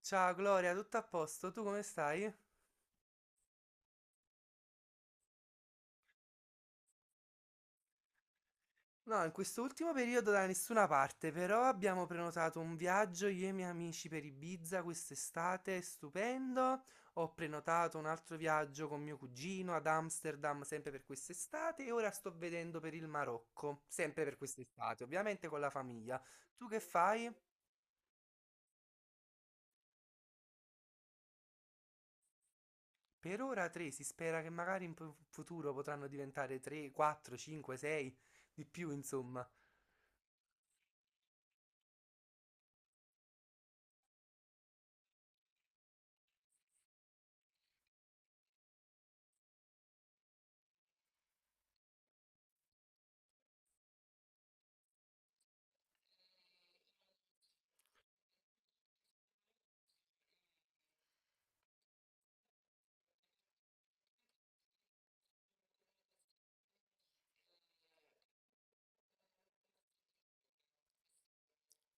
Ciao Gloria, tutto a posto? Tu come stai? No, in quest'ultimo periodo da nessuna parte, però abbiamo prenotato un viaggio io e i miei amici per Ibiza quest'estate, stupendo. Ho prenotato un altro viaggio con mio cugino ad Amsterdam, sempre per quest'estate, e ora sto vedendo per il Marocco, sempre per quest'estate, ovviamente con la famiglia. Tu che fai? Per ora tre, si spera che magari in futuro potranno diventare tre, quattro, cinque, sei, di più, insomma.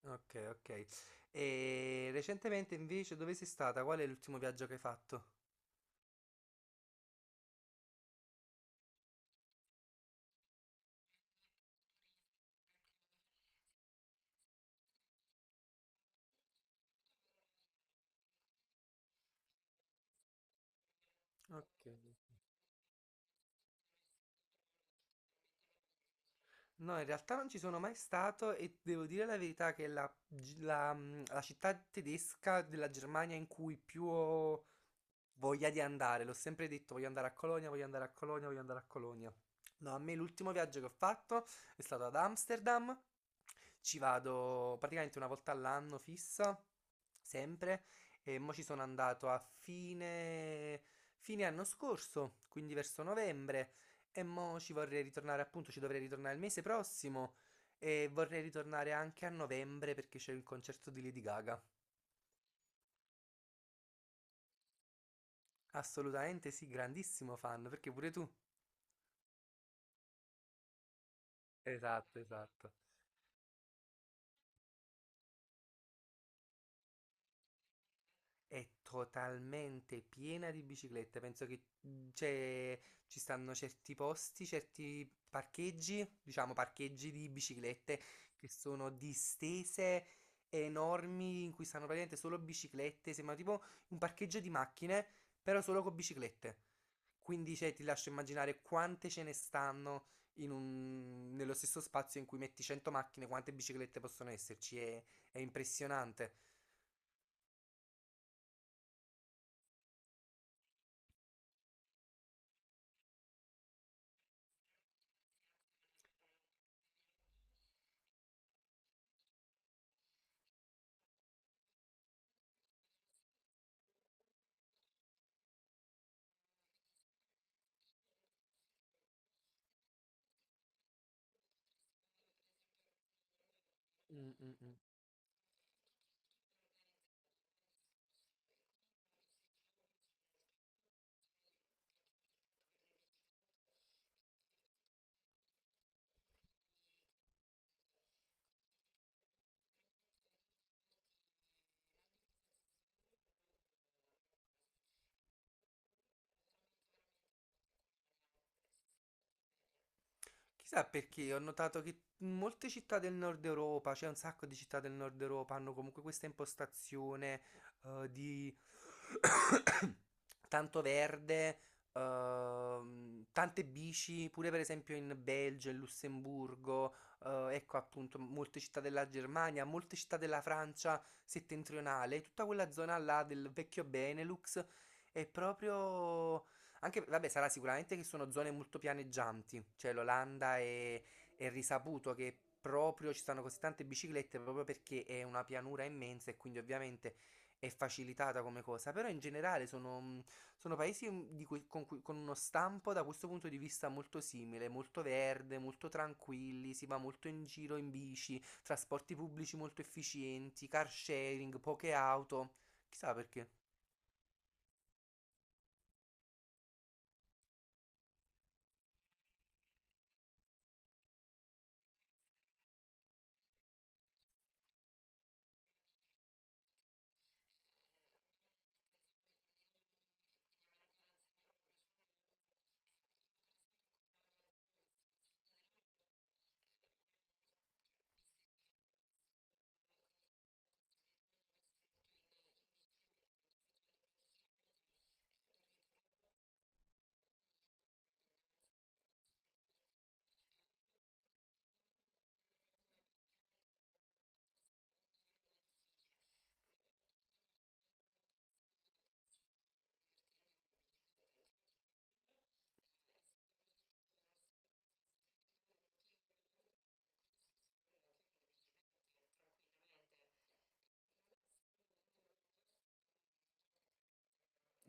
Okay, okay. E recentemente invece dove sei stata? Qual è l'ultimo viaggio che hai fatto? Okay. No, in realtà non ci sono mai stato e devo dire la verità che la, gi- la, mm, la città tedesca della Germania in cui più ho voglia di andare, l'ho sempre detto, voglio andare a Colonia, voglio andare a Colonia, voglio andare a Colonia. No, a me l'ultimo viaggio che ho fatto è stato ad Amsterdam, ci vado praticamente una volta all'anno fissa, sempre, e mo ci sono andato a fine anno scorso, quindi verso novembre. E mo ci vorrei ritornare, appunto, ci dovrei ritornare il mese prossimo e vorrei ritornare anche a novembre perché c'è il concerto di Lady Gaga. Assolutamente sì, grandissimo fan, perché pure tu. Esatto, esatto. È totalmente piena di biciclette. Penso che mm, c'è- ci stanno certi posti, certi parcheggi, diciamo parcheggi di biciclette che sono distese enormi in cui stanno praticamente solo biciclette. Sembra tipo un parcheggio di macchine, però solo con biciclette. Quindi cioè, ti lascio immaginare quante ce ne stanno nello stesso spazio in cui metti 100 macchine, quante biciclette possono esserci. È impressionante. Mm, mm, mm. Chissà perché ho notato che in molte città del nord Europa, cioè un sacco di città del nord Europa, hanno comunque questa impostazione di tanto verde, tante bici, pure per esempio in Belgio, in Lussemburgo, ecco appunto molte città della Germania, molte città della Francia settentrionale, tutta quella zona là del vecchio Benelux è proprio anche, vabbè, sarà sicuramente che sono zone molto pianeggianti, cioè l'Olanda è risaputo che proprio ci stanno così tante biciclette proprio perché è una pianura immensa e quindi ovviamente è facilitata come cosa, però in generale sono paesi di cui- con uno stampo da questo punto di vista molto simile, molto verde, molto tranquilli, si va molto in giro in bici, trasporti pubblici molto efficienti, car sharing, poche auto, chissà perché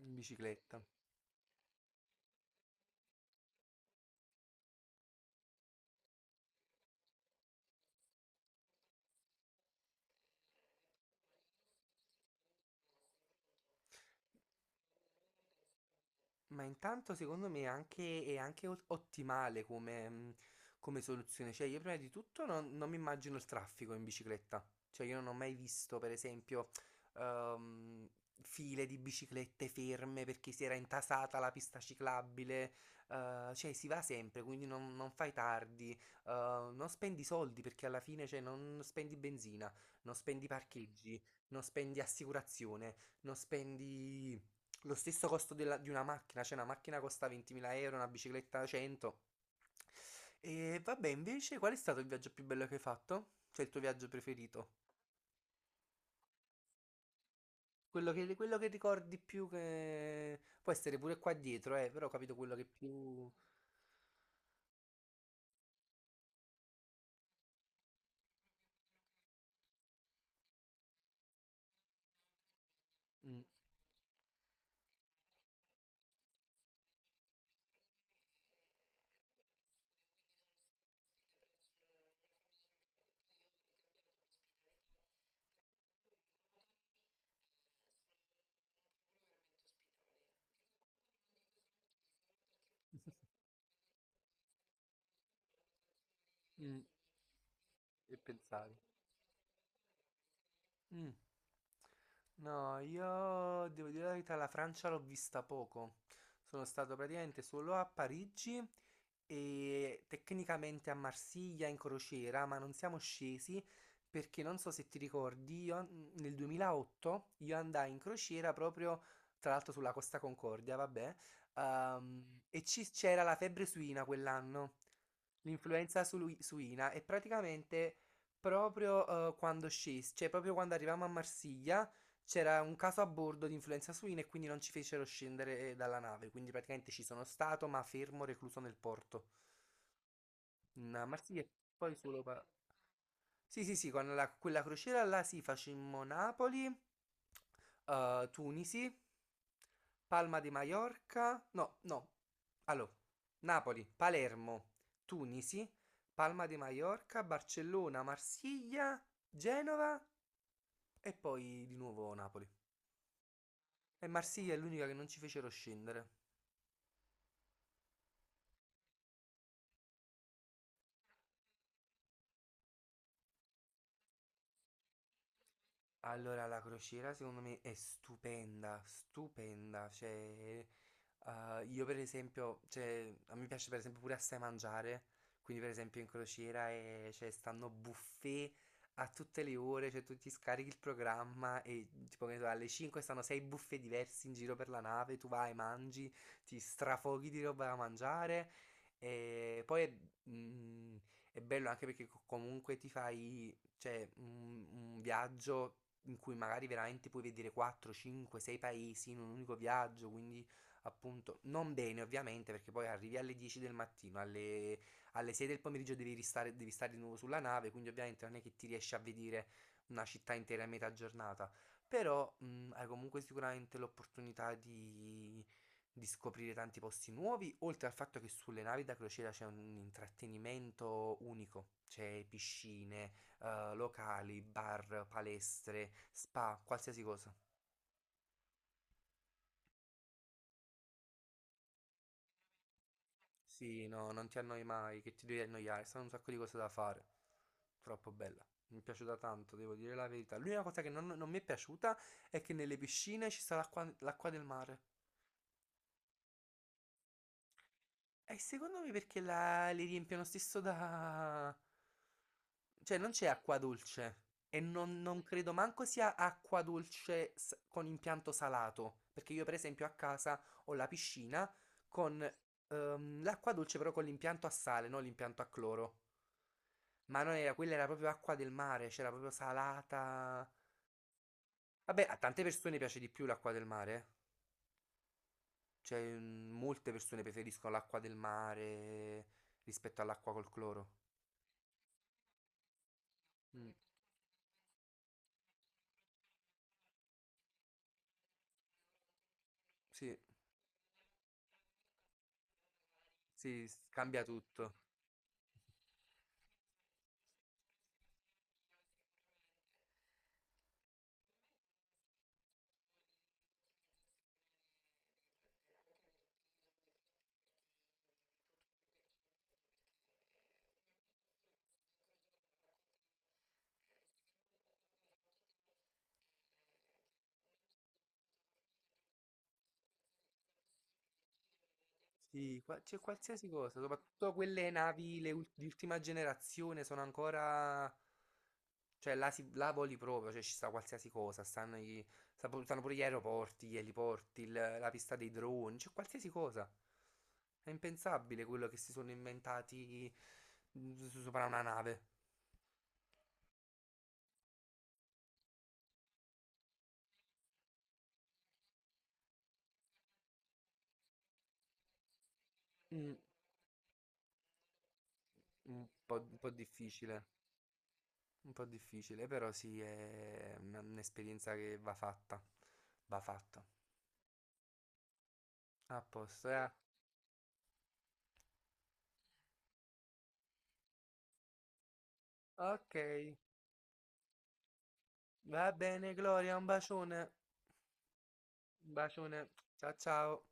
in bicicletta. Ma intanto secondo me è anche ottimale come soluzione. Cioè, io prima di tutto non mi immagino il traffico in bicicletta. Cioè, io non ho mai visto, per esempio, ehm, file di biciclette ferme perché si era intasata la pista ciclabile. Cioè, si va sempre, quindi non fai tardi. Non spendi soldi perché alla fine, cioè, non spendi benzina, non spendi parcheggi, non spendi assicurazione, non spendi lo stesso costo della- di una macchina, cioè una macchina costa 20.000 euro, una bicicletta 100. E vabbè, invece, qual è stato il viaggio più bello che hai fatto? Cioè il tuo viaggio preferito? Quello che ricordi più che... Può essere pure qua dietro, però ho capito quello che più... Mm, mm, che pensavi. Mm. No, io devo dire la verità, la Francia l'ho vista poco. Sono stato praticamente solo a Parigi e tecnicamente a Marsiglia in crociera, ma non siamo scesi perché non so se ti ricordi, io nel 2008 io andai in crociera proprio tra l'altro sulla Costa Concordia, vabbè, e c'era la febbre suina quell'anno, l'influenza suina e praticamente proprio, quando scesi, cioè proprio quando arrivammo a Marsiglia c'era un caso a bordo di influenza suina e quindi non ci fecero scendere dalla nave, quindi praticamente ci sono stato ma fermo recluso nel porto. A Marsiglia e poi solo... sì, sì, sì, quella crociera là sì, facemmo Napoli, Tunisi, Palma di Mallorca, no, no, allora, Napoli, Palermo, Tunisi, Palma di Mallorca, Barcellona, Marsiglia, Genova e poi di nuovo Napoli. E Marsiglia è l'unica che non ci fecero scendere. Allora, la crociera secondo me è stupenda, stupenda, cioè, io per esempio, cioè, a me piace per esempio pure assai mangiare, quindi per esempio in crociera cioè, stanno buffet a tutte le ore, cioè tu ti scarichi il programma e tipo che ne so, alle 5 stanno 6 buffet diversi in giro per la nave, tu vai, mangi, ti strafoghi di roba da mangiare e poi mm, è bello anche perché comunque ti fai, cioè, un viaggio in cui magari veramente puoi vedere 4, 5, 6 paesi in un unico viaggio, quindi appunto non bene ovviamente perché poi arrivi alle 10 del mattino, alle 6 del pomeriggio devi stare di nuovo sulla nave, quindi ovviamente non è che ti riesci a vedere una città intera in metà giornata, però hai comunque sicuramente l'opportunità di scoprire tanti posti nuovi, oltre al fatto che sulle navi da crociera c'è un intrattenimento unico, c'è piscine, locali, bar, palestre, spa, qualsiasi cosa. Sì, no, non ti annoi mai, che ti devi annoiare, stanno un sacco di cose da fare. Troppo bella. Mi è piaciuta tanto, devo dire la verità. L'unica cosa che non mi è piaciuta è che nelle piscine ci sta l'acqua, l'acqua del mare. E secondo me perché la... li riempiono stesso da... Cioè non c'è acqua dolce e non credo manco sia acqua dolce con impianto salato, perché io per esempio a casa ho la piscina con l'acqua dolce però con l'impianto a sale, non l'impianto a cloro. Ma non era, quella era proprio acqua del mare, c'era proprio salata. Vabbè, a tante persone piace di più l'acqua del mare. Eh. Cioè, molte persone preferiscono l'acqua del mare rispetto all'acqua col cloro. Mm, sì, sì, cambia tutto. Sì, c'è qualsiasi cosa, soprattutto quelle navi le di ultima generazione sono ancora... Cioè, là, si, là voli proprio, cioè ci sta qualsiasi cosa, stanno, i- sta pu- stanno pure gli aeroporti, gli eliporti, la pista dei droni, c'è qualsiasi cosa. È impensabile quello che si sono inventati sopra una nave. Mm. Un po' difficile, un po' difficile, però sì, è una- un'esperienza che va fatta. Va fatta. A posto, eh. Ok, va bene, Gloria, un bacione. Un bacione. Ciao ciao.